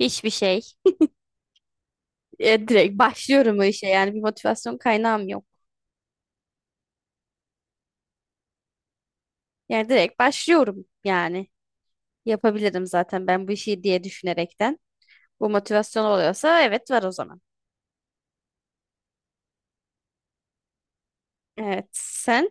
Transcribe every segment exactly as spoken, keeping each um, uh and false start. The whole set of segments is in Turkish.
Hiçbir şey. E, direkt başlıyorum o işe yani bir motivasyon kaynağım yok. Yani direkt başlıyorum yani. Yapabilirim zaten ben bu işi diye düşünerekten. Bu motivasyon oluyorsa evet var o zaman. Evet, sen?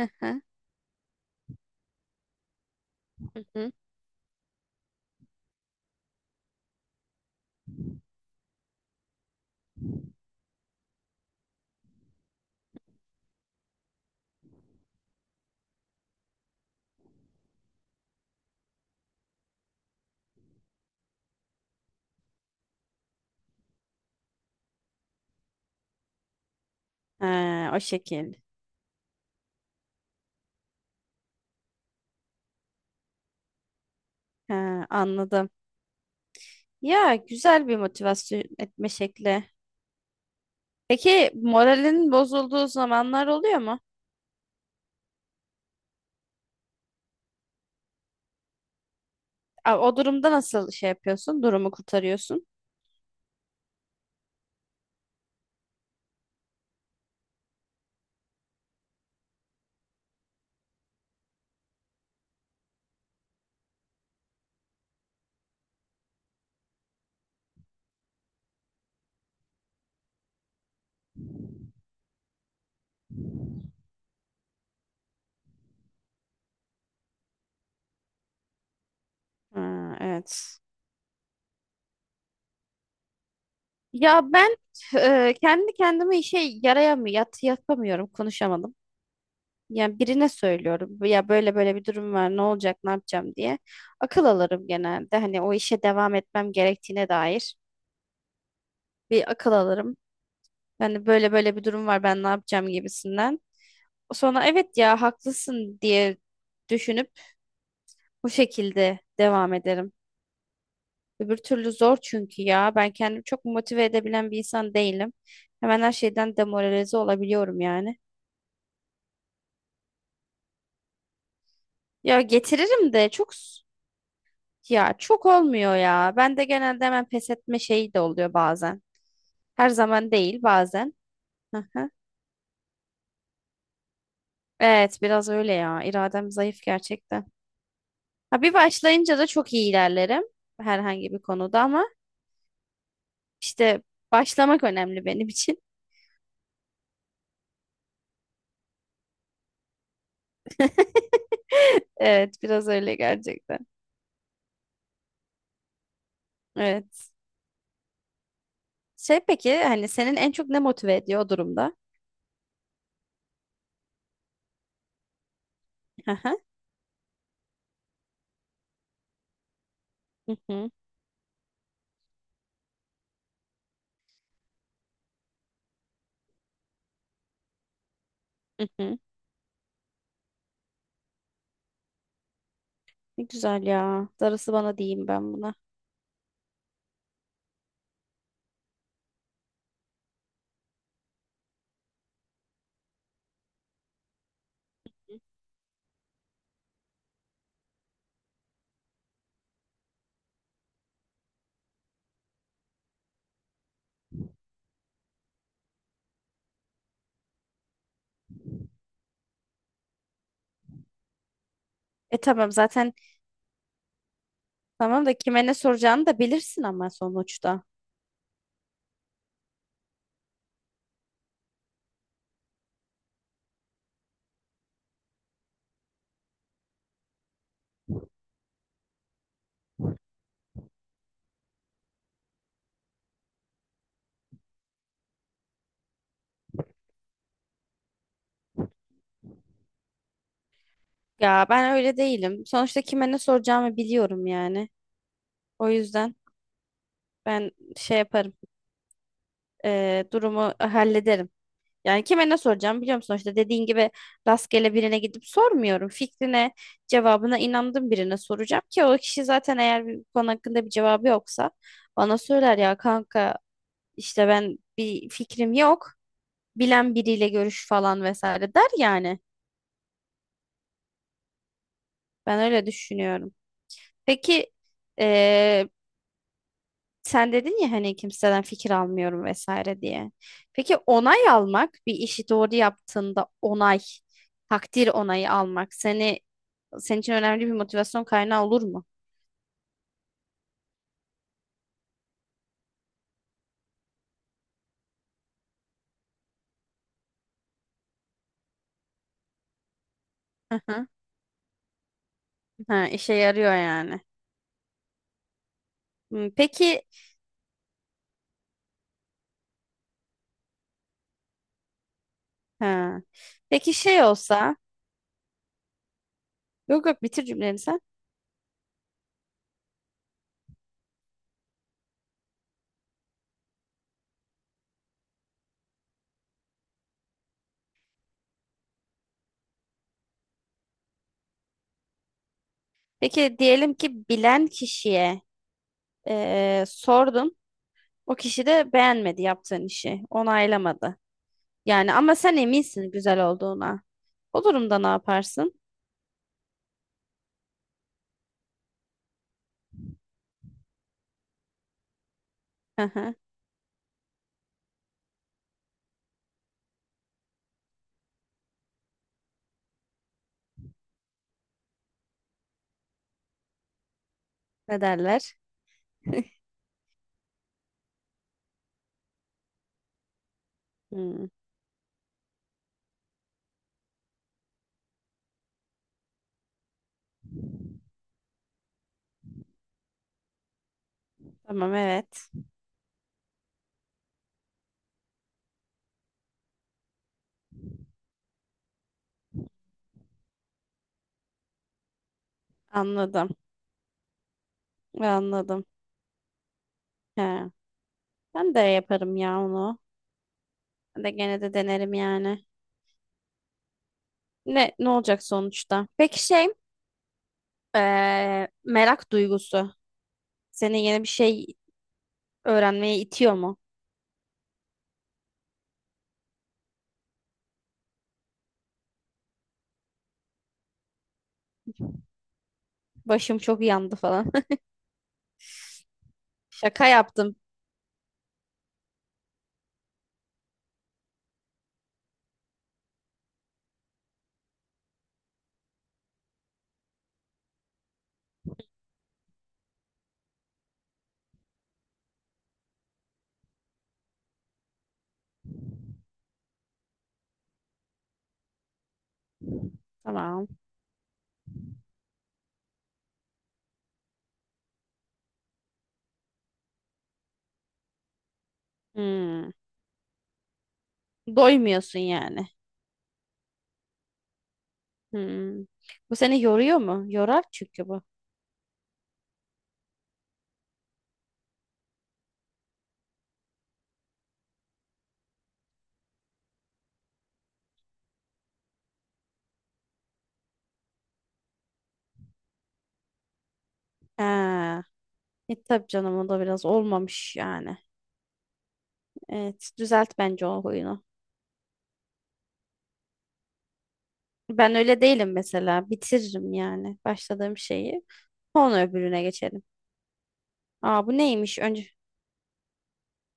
Hı hı. Hı hı. Ha, o şekil. Ha, anladım. Ya güzel bir motivasyon etme şekli. Peki moralin bozulduğu zamanlar oluyor mu? Aa, o durumda nasıl şey yapıyorsun? Durumu kurtarıyorsun. Ha, evet. Ya ben e, kendi kendime işe yarayamıyorum, yat, yapamıyorum, konuşamadım. Yani birine söylüyorum. Ya böyle böyle bir durum var, ne olacak, ne yapacağım diye. Akıl alırım genelde. Hani o işe devam etmem gerektiğine dair bir akıl alırım. Yani böyle böyle bir durum var, ben ne yapacağım gibisinden. Sonra evet ya haklısın diye düşünüp bu şekilde devam ederim. Öbür türlü zor çünkü ya ben kendimi çok motive edebilen bir insan değilim. Hemen her şeyden demoralize olabiliyorum yani. Ya getiririm de çok s- ya çok olmuyor ya. Ben de genelde hemen pes etme şeyi de oluyor bazen. Her zaman değil, bazen. Hı hı. Evet, biraz öyle ya. İradem zayıf gerçekten. Ha, bir başlayınca da çok iyi ilerlerim herhangi bir konuda ama işte başlamak önemli benim için. Evet, biraz öyle gerçekten. Evet. Şey, peki hani senin en çok ne motive ediyor o durumda? Hı hı. Hı hı. Hı hı. Ne güzel ya. Darısı bana diyeyim ben buna. E tamam zaten. Tamam da kime ne soracağını da bilirsin ama sonuçta. Ya ben öyle değilim. Sonuçta kime ne soracağımı biliyorum yani. O yüzden. Ben şey yaparım. E, durumu hallederim. Yani kime ne soracağım biliyor musun? İşte dediğin gibi rastgele birine gidip sormuyorum. Fikrine, cevabına inandığım birine soracağım ki o kişi zaten eğer bir konu hakkında bir cevabı yoksa bana söyler, ya kanka işte ben bir fikrim yok. Bilen biriyle görüş falan vesaire der yani. Ben öyle düşünüyorum. Peki eee, sen dedin ya hani kimseden fikir almıyorum vesaire diye. Peki onay almak, bir işi doğru yaptığında onay, takdir onayı almak seni, senin için önemli bir motivasyon kaynağı olur mu? Hı hı. Ha, işe yarıyor yani. Hmm, peki ha. Peki şey olsa, yok yok bitir cümleni sen. Peki diyelim ki bilen kişiye eee, sordun. O kişi de beğenmedi yaptığın işi. Onaylamadı. Yani ama sen eminsin güzel olduğuna. O durumda ne yaparsın? Aha, ne derler? Hmm, tamam evet. Anladım. Anladım. He. Ben de yaparım ya onu. Ben de gene de denerim yani. Ne ne olacak sonuçta? Peki şey, eee, merak duygusu. Seni yeni bir şey öğrenmeye itiyor mu? Başım çok yandı falan. Şaka yaptım. Tamam. Hmm. Doymuyorsun yani. Hmm. Bu seni yoruyor mu? Yorar çünkü bu. Ha. E tabii canım, o da biraz olmamış yani. Evet, düzelt bence o huyunu. Ben öyle değilim mesela. Bitiririm yani başladığım şeyi. Sonra öbürüne geçerim. Aa, bu neymiş önce?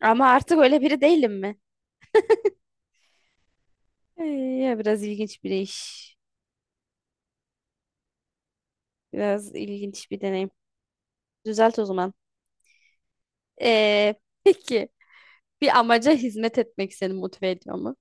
Ama artık öyle biri değilim mi? Ee, Ya biraz ilginç bir iş. Biraz ilginç bir deneyim. Düzelt o zaman. Ee, peki bir amaca hizmet etmek seni motive ediyor mu?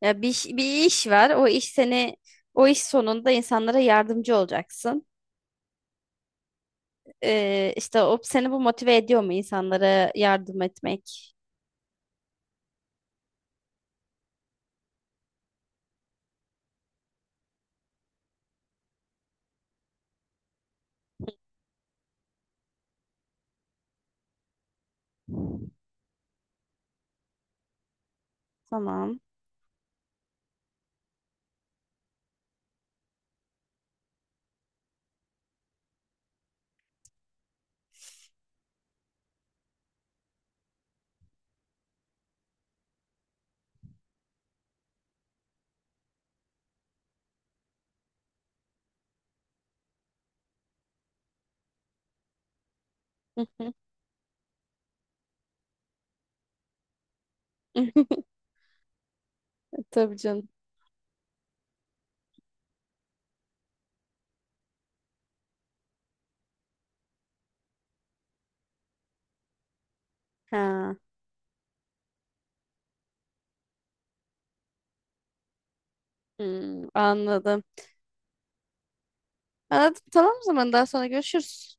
Ya bir, iş- bir iş var. O iş seni, o iş sonunda insanlara yardımcı olacaksın. Ee, işte o seni, bu motive ediyor mu insanlara yardım etmek? Tamam. Tabii canım. Ha. Hmm, anladım. Anladım. Tamam, o zaman daha sonra görüşürüz.